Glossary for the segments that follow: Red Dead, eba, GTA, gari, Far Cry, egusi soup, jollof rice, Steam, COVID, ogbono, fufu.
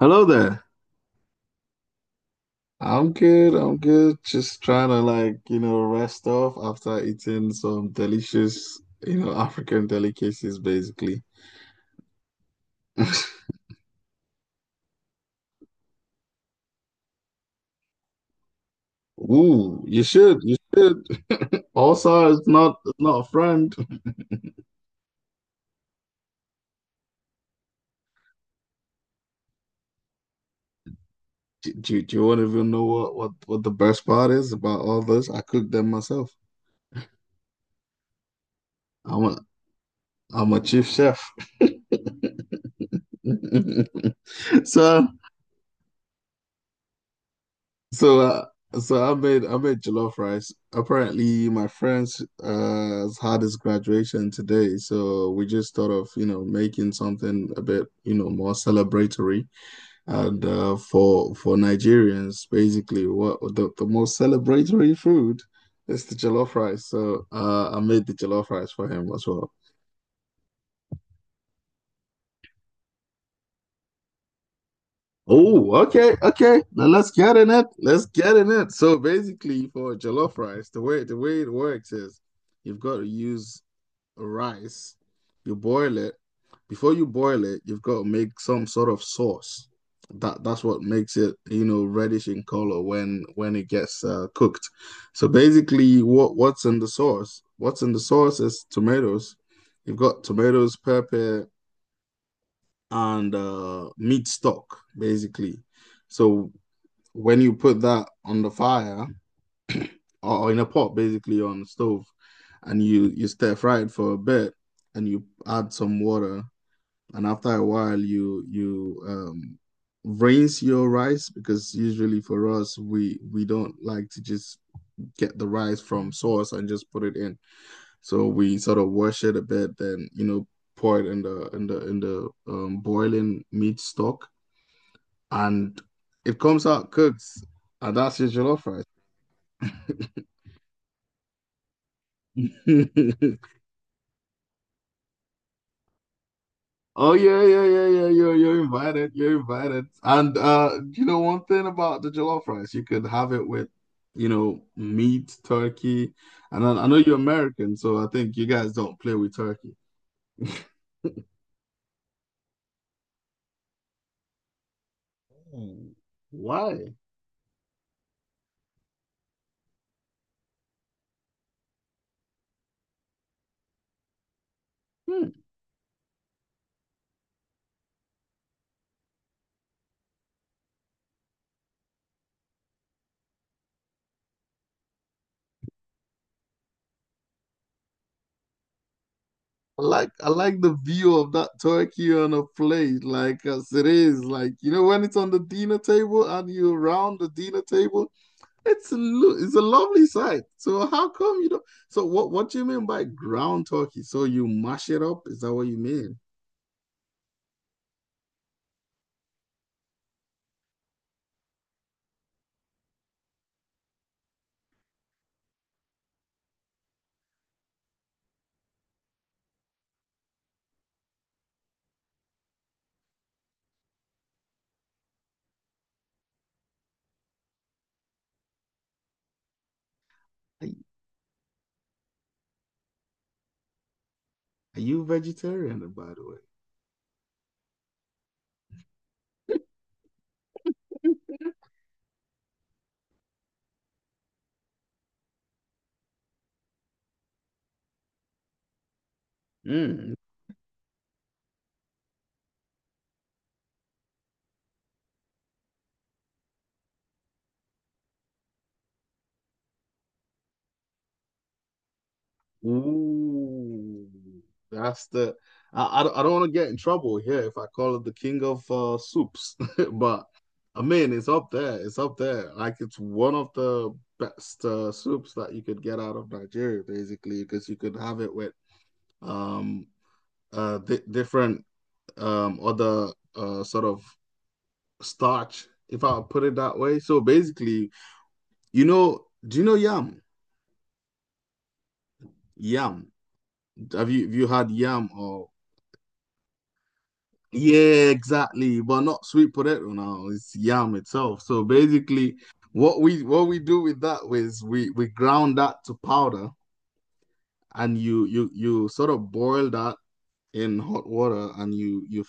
Hello there. I'm good. I'm good. Just trying to like, rest off after eating some delicious, African delicacies basically. Ooh, you should. You should. Also, it's not a friend. Do you want to even know what the best part is about all this? I cook them myself. I'm a I'm a chief chef. So So, uh, so I made jollof rice. Apparently, my friends has had his graduation today, so we just thought of making something a bit more celebratory. And for Nigerians, basically, what the most celebratory food is the jollof rice. So I made the jollof rice for him as well. Oh, okay, okay. Now let's get in it. Let's get in it. So basically, for jollof rice, the way it works is, you've got to use rice, you boil it. Before you boil it, you've got to make some sort of sauce. That's what makes it, reddish in color when it gets cooked. So basically, what's in the sauce? What's in the sauce is tomatoes. You've got tomatoes, pepper, and meat stock, basically. So when you put that on the fire, or in a pot basically on the stove, and you stir fry it for a bit, and you add some water, and after a while you rinse your rice, because usually for us we don't like to just get the rice from source and just put it in. So we sort of wash it a bit, then pour it in the boiling meat stock, and it comes out cooked, and that's your jollof rice. Oh yeah, yeah, yeah, yeah. You're invited. You're invited. And you know, one thing about the jollof rice, you could have it with, meat, turkey, and I know you're American, so I think you guys don't play with turkey. Hmm. Why? Hmm. I like the view of that turkey on a plate, like as it is, like you know when it's on the dinner table and you're around the dinner table. It's a, it's a lovely sight. So how come you don't? So what do you mean by ground turkey? So you mash it up? Is that what you mean? Are, are you vegetarian, by the way? Mm. Ooh, that's the. I don't, I don't want to get in trouble here if I call it the king of soups, but I mean it's up there. It's up there. Like it's one of the best soups that you could get out of Nigeria, basically, because you could have it with um di different other sort of starch, if I put it that way. So basically, do you know yam? Yam. Have you had yam or yeah, exactly, but not sweet potato now. It's yam itself. So basically, what we do with that is we ground that to powder, and you sort of boil that in hot water, and you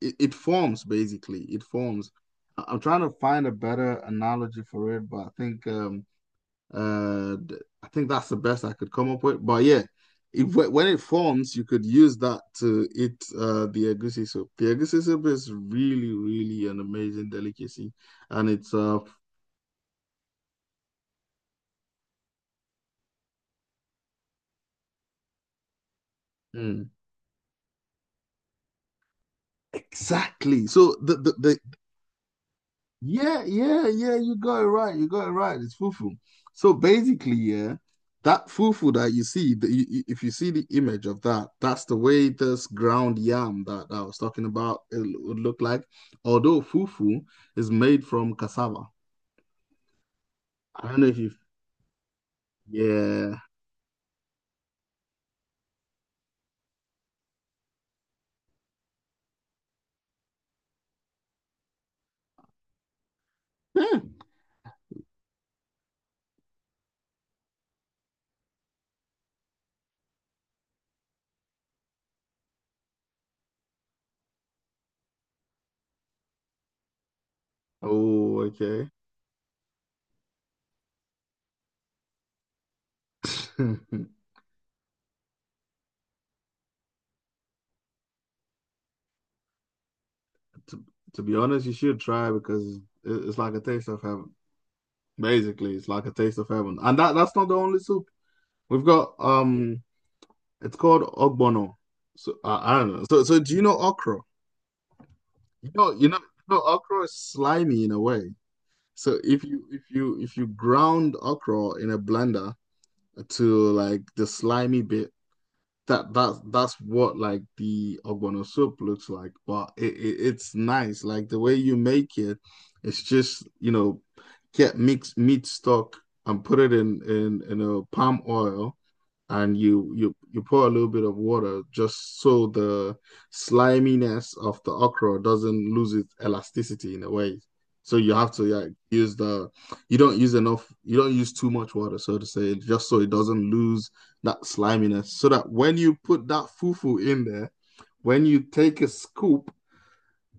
it forms, basically it forms. I am trying to find a better analogy for it, but uh I think that's the best I could come up with, but yeah. it, when it forms, you could use that to eat the egusi soup. The egusi soup is really really an amazing delicacy, and it's mm, exactly. So the yeah, yeah, yeah, you got it right. You got it right. It's fufu. So basically, yeah, that fufu that you see, if you see the image of that, that's the way this ground yam that I was talking about it would look like. Although fufu is made from cassava. I don't know if you, yeah. Yeah. Oh, okay. To, to be honest, you should try, because it's like a taste of heaven. Basically, it's like a taste of heaven. And that's not the only soup. We've got it's called ogbono. So I don't know. So do you know okra? You know okra is slimy in a way. So if you ground okra in a blender to like the slimy bit, that's what like the ogbono soup looks like. But it's nice. Like the way you make it, it's just get mixed meat stock and put it in a palm oil, and you pour a little bit of water, just so the sliminess of the okra doesn't lose its elasticity in a way. So you have to like use the, you don't use enough, you don't use too much water, so to say, just so it doesn't lose that sliminess, so that when you put that fufu in there, when you take a scoop,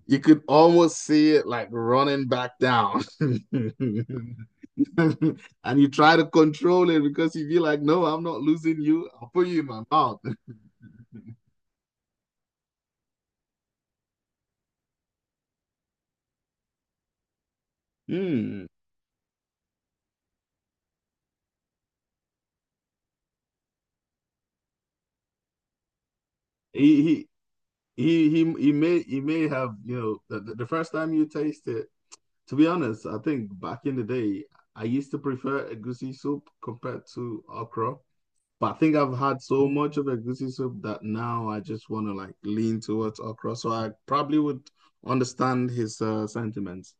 you could almost see it like running back down. And you try to control it because you feel like, no, I'm not losing you. I'll put you in my mouth. Mm. He he he may have, you know, the first time you taste it, to be honest, I think back in the day, I used to prefer a goosey soup compared to okra. But I think I've had so much of egusi soup that now I just want to like lean towards okra. So I probably would understand his sentiments.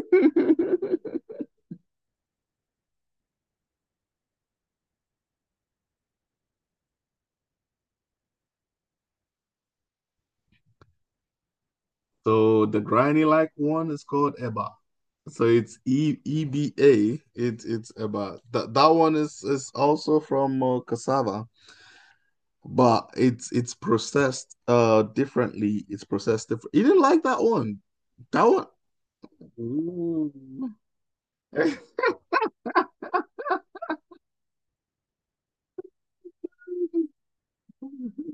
So the granny like one is called eba. So it's Eba. It's eba. That one is also from cassava, but it's processed differently. It's processed different. You didn't like that one. That one. Ooh.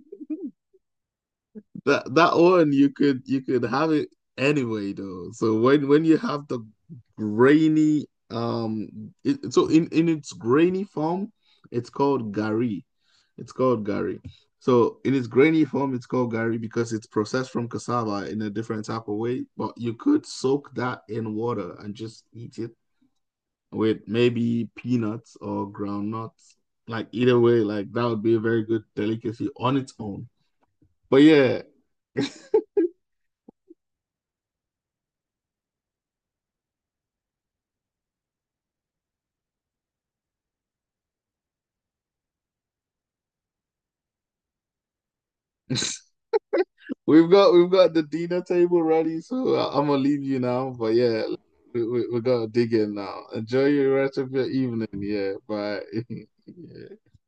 That one you could have it anyway though. So when you have the grainy so in its grainy form, it's called gari. It's called gari. So in its grainy form, it's called gari because it's processed from cassava in a different type of way. But you could soak that in water and just eat it with maybe peanuts or ground nuts. Like either way, like that would be a very good delicacy on its own. But yeah. We've got the dinner table ready, so I am gonna leave you now. But yeah, we gotta dig in now. Enjoy your rest of your evening. Yeah, bye. Yeah.